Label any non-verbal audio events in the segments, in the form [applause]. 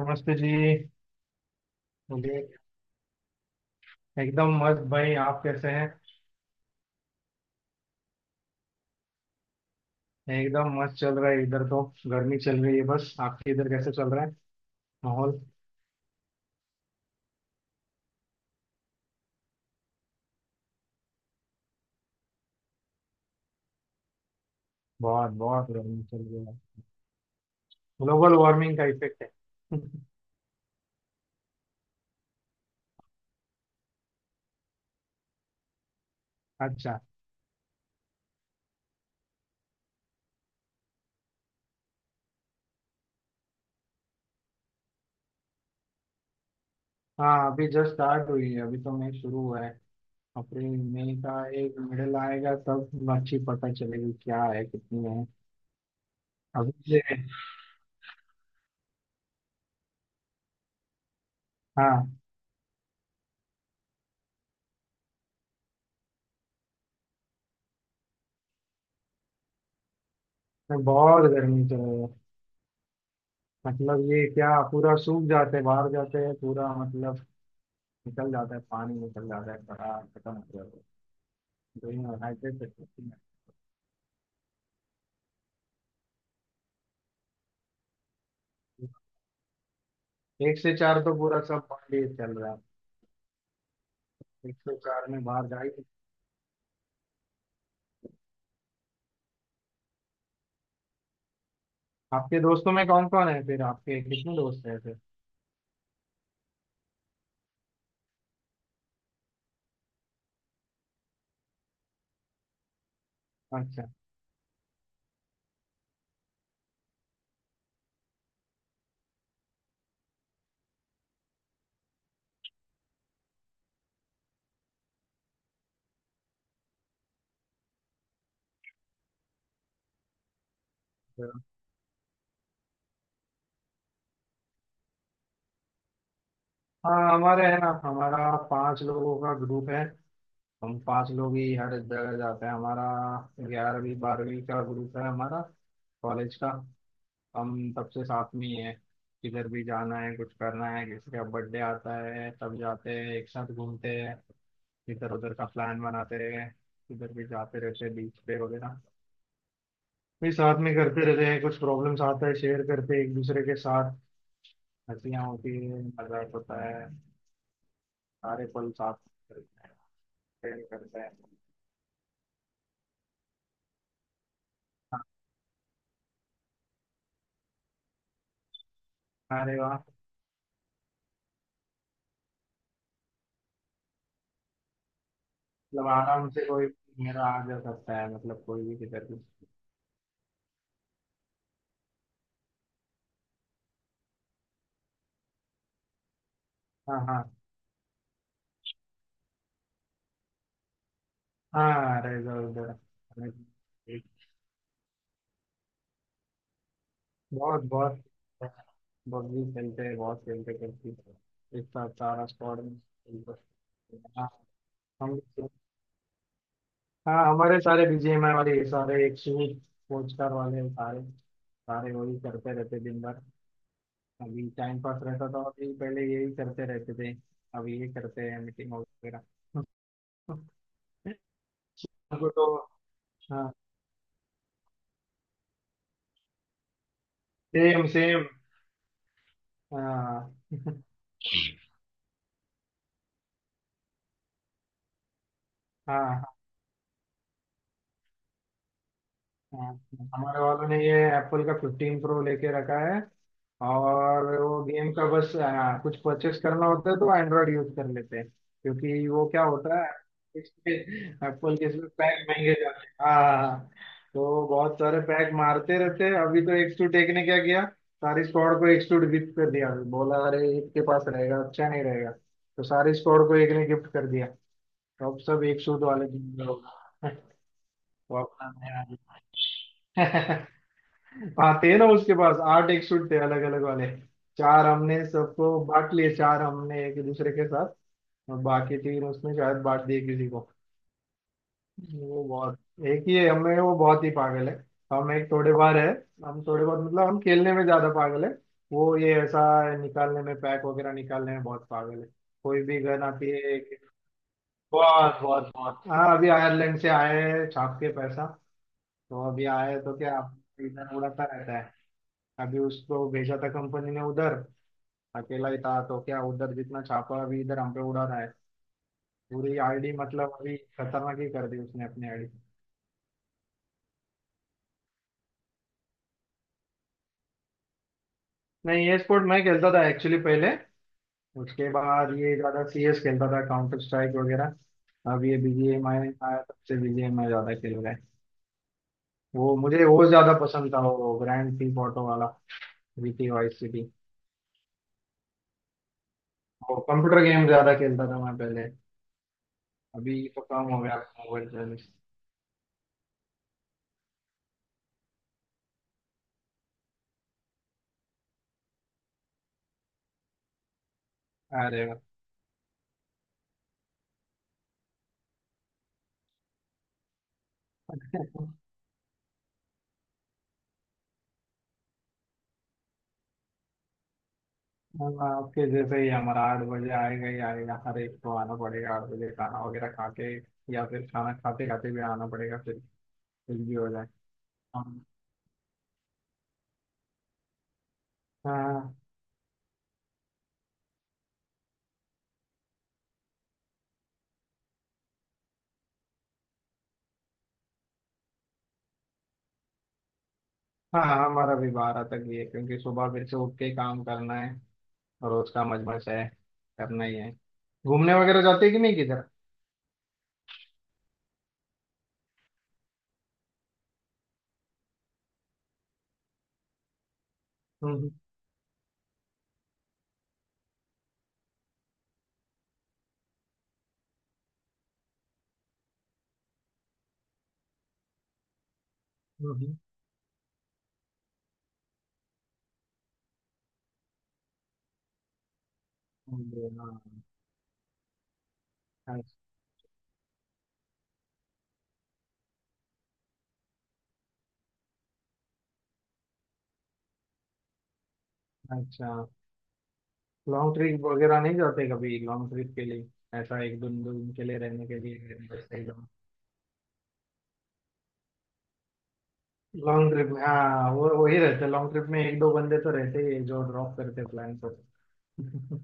नमस्ते जी। मुझे एकदम मस्त, भाई आप कैसे हैं? एकदम मस्त चल रहा है इधर तो। गर्मी चल रही है बस, आपके इधर कैसे चल रहा है माहौल? बहुत बहुत गर्मी चल रही है। ग्लोबल वार्मिंग का इफेक्ट है। [laughs] अच्छा। हाँ अभी जस्ट स्टार्ट हुई है, अभी तो मई शुरू हुआ है। अप्रैल मई का एक मिडल आएगा तब अच्छी पता चलेगी क्या है, कितनी है। अभी ये, हाँ तो बहुत गर्मी चल रही है। मतलब ये क्या, पूरा सूख जाते बाहर जाते हैं, पूरा मतलब निकल जाता है, पानी निकल जाता है, बड़ा खत्म हो जाता है। तो ये हाइड्रेट सकती है। एक से चार तो पूरा सब पानी चल रहा है। एक से चार में बाहर जा ही नहीं। आपके दोस्तों में कौन कौन है फिर? आपके कितने दोस्त हैं फिर? अच्छा। तो- हाँ हमारे है ना, हमारा 5 लोगों का ग्रुप है। हम 5 लोग ही हर जगह जाते हैं हमारा। 11वीं 12वीं का ग्रुप है हमारा, कॉलेज का। हम सबसे साथ में ही है। किधर भी जाना है, कुछ करना है, किसी का बर्थडे आता है तब जाते हैं, एक साथ घूमते हैं। इधर उधर का प्लान बनाते रहे, किधर भी जाते रहते हैं, बीच पे वगैरह। फिर साथ में करते रहते हैं। कुछ प्रॉब्लम्स आता है शेयर करते हैं एक दूसरे के साथ। हंसियाँ होती है, मजाक होता है, सारे पल साथ शेयर करते हैं। हाँ, अरे वाह। मतलब आराम से कोई मेरा आ जा सकता है, मतलब कोई भी किधर भी। हाँ हाँ। हाँ अरे इधर उधर। बहुत बहुत बग्गी खेलते हैं, बहुत खेलते खेलते हैं। इस साथ सारा स्क्वाड। हाँ। हम, हाँ हमारे सारे बीजीएमआई वाले, सारे एक सूट पोस्टर वाले, सारे सारे वही करते रहते दिन भर। अभी टाइम पास रहता था, अभी पहले यही करते रहते थे। अभी ये करते हैं मीटिंग वगैरह। [laughs] हमको तो, हाँ सेम सेम। हाँ [laughs] हाँ हाँ। हमारे वालों ने ये एप्पल का 15 प्रो लेके रखा है। और वो गेम का बस, हाँ, कुछ परचेस करना होता है तो एंड्रॉइड यूज कर लेते हैं, क्योंकि वो क्या होता है, एप्पल के इसमें पैक महंगे जाते हैं। हाँ हाँ, हाँ। तो बहुत सारे पैक मारते रहते हैं। अभी तो एक्सटूट एक ने क्या किया, सारी स्क्वाड को एक्सटूट गिफ्ट कर दिया। बोला अरे इसके पास रहेगा अच्छा, नहीं रहेगा, तो सारी स्क्वाड को एक ने गिफ्ट कर दिया। तो अब सब एक सूट वाले जिम्मेदार होगा। [laughs] वो अपना नया [laughs] हाँ थे ना, उसके पास 8 एक सूट थे अलग अलग वाले। 4 हमने सबको बांट लिए, 4 हमने एक दूसरे के साथ, और बाकी 3 उसने शायद बांट दिए किसी को। वो बहुत एक ही है हमें, वो बहुत ही पागल है। हम एक थोड़े बार है, हम थोड़े बहुत मतलब, हम खेलने में ज्यादा पागल है। वो ये ऐसा निकालने में, पैक वगैरह निकालने में बहुत पागल है। कोई भी गन आती है, बहुत बहुत बहुत। हाँ अभी आयरलैंड से आए हैं, छाप के पैसा। तो अभी आए हैं तो क्या, इधर उड़ाता रहता है। अभी उसको भेजा था कंपनी ने उधर, अकेला ही था, तो क्या उधर जितना छापा अभी इधर हम पे उड़ा रहा है। पूरी आईडी मतलब अभी खतरनाक ही कर दी उसने अपनी आईडी। नहीं ये स्पोर्ट मैं खेलता था एक्चुअली पहले। उसके बाद ये ज्यादा सीएस खेलता था, काउंटर स्ट्राइक वगैरह। अब ये बीजीएमआई आया तब से बीजीएमआई ज्यादा खेल रहा है। वो मुझे वो ज्यादा पसंद था, वो ग्रैंड थीफ ऑटो वाला, जीटी वाइस सिटी। वो कंप्यूटर गेम ज्यादा खेलता था मैं पहले। अभी तो कम हो गया मोबाइल। अरे वाह। अब आपके जैसे ही हमारा 8 बजे आएगा ही आएगा, हर एक को आना पड़ेगा 8 बजे खाना वगैरह खा के, या फिर खाना खाते खाते भी आना पड़ेगा फिर, कुछ भी हो जाए। हम- हाँ हाँ। हमारा भी 12 तक ही है, क्योंकि सुबह फिर से उठ के काम करना है। रोज का मजमस है, करना ही है। घूमने वगैरह जाते हैं कि नहीं किधर? हम्म हम्म हम्म, हाँ, अच्छा। लॉन्ग ट्रिप वगैरह नहीं जाते कभी? लॉन्ग ट्रिप के लिए ऐसा एक दो दो दिन के लिए रहने के लिए? लॉन्ग ट्रिप में हाँ वो वही रहते, लॉन्ग ट्रिप में एक दो बंदे तो रहते ही हैं जो ड्रॉप करते प्लान को। [laughs]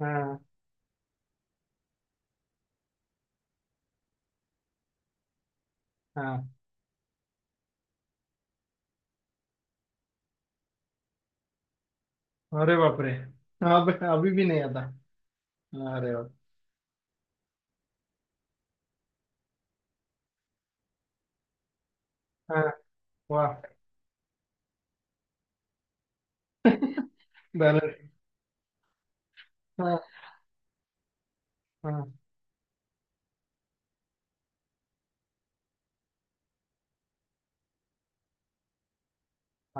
हाँ हाँ। अरे बाप रे, अब अभी भी नहीं आता? अरे बाप। हाँ वाह। [laughs] बैलेंस। हाँ हाँ।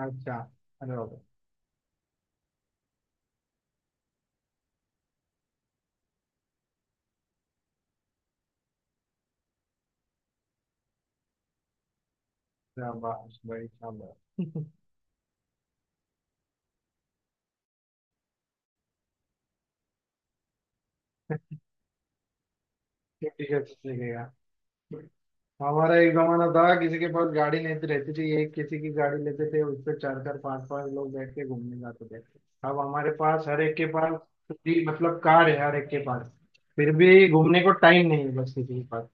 अच्छा। अरे बाप रे। शाबाश भाई शाबाश। [laughs] ठीक है ठीक है। हमारा एक जमाना था, किसी के पास गाड़ी नहीं रहती थी, एक किसी की गाड़ी लेते थे उस पे 4 4 5 5 लोग बैठ के घूमने जाते थे। अब हमारे पास हर एक के पास भी मतलब कार है हर एक के पास, फिर भी घूमने को टाइम नहीं है बस किसी के पास।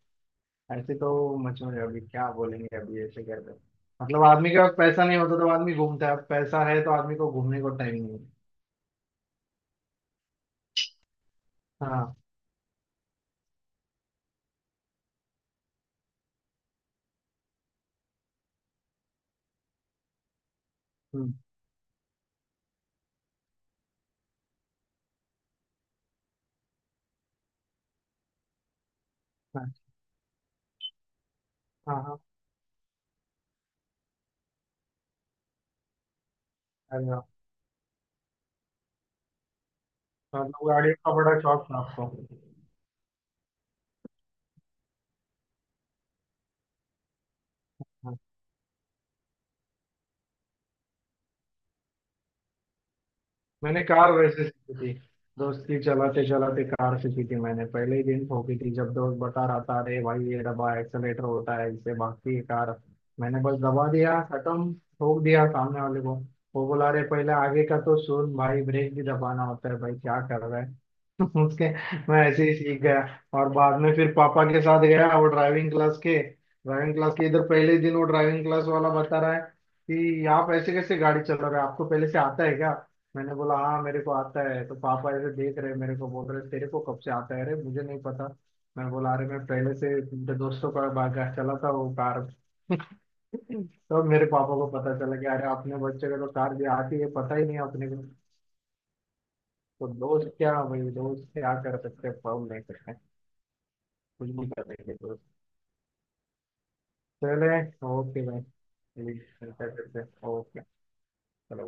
ऐसे तो मचो रहे अभी, क्या बोलेंगे अभी ऐसे कर रहे हैं। मतलब आदमी के पास पैसा नहीं होता तो आदमी घूमता है, अब पैसा है तो आदमी को घूमने को टाइम नहीं है। हाँ। हम्म, हाँ हाँ हाँ। अरे वाह। मतलब गाड़ियों का बड़ा शौक था आपको हाँ। मैंने कार वैसे सीखी थी, दोस्ती चलाते चलाते कार सीखी थी। मैंने पहले ही दिन ठोकी थी, जब दोस्त बता रहा था अरे भाई ये दबा, एक्सेलेटर होता है इससे भागती है कार। मैंने बस दबा दिया, खत्म, ठोक दिया सामने वाले को। वो बोला अरे पहले आगे का तो सुन भाई, ब्रेक भी दबाना होता है भाई, क्या कर रहा है। उसके, मैं ऐसे ही सीख गया। और बाद में फिर पापा के साथ गया वो ड्राइविंग क्लास के, ड्राइविंग क्लास के इधर पहले दिन वो ड्राइविंग क्लास वाला बता रहा है कि आप ऐसे कैसे गाड़ी चला रहे हो, आपको पहले से आता है क्या? मैंने बोला हाँ मेरे को आता है, तो पापा ऐसे देख रहे हैं मेरे को, बोल रहे तेरे को कब से आता है, अरे मुझे नहीं पता। मैं बोला अरे मैं पहले से मेरे दोस्तों का बाइक चलाता हूँ, कार। [laughs] तो मेरे पापा को पता चला कि अरे अपने बच्चे को तो कार भी आती है, पता ही नहीं अपने को। तो दोस्त क्या, भाई दोस्त क्या कर सकते हैं, फोन नहीं कर सकते, कुछ भी कर लेंगे तो। चले, ओके भाई ठीक है, करते हैं, ओके। चलो।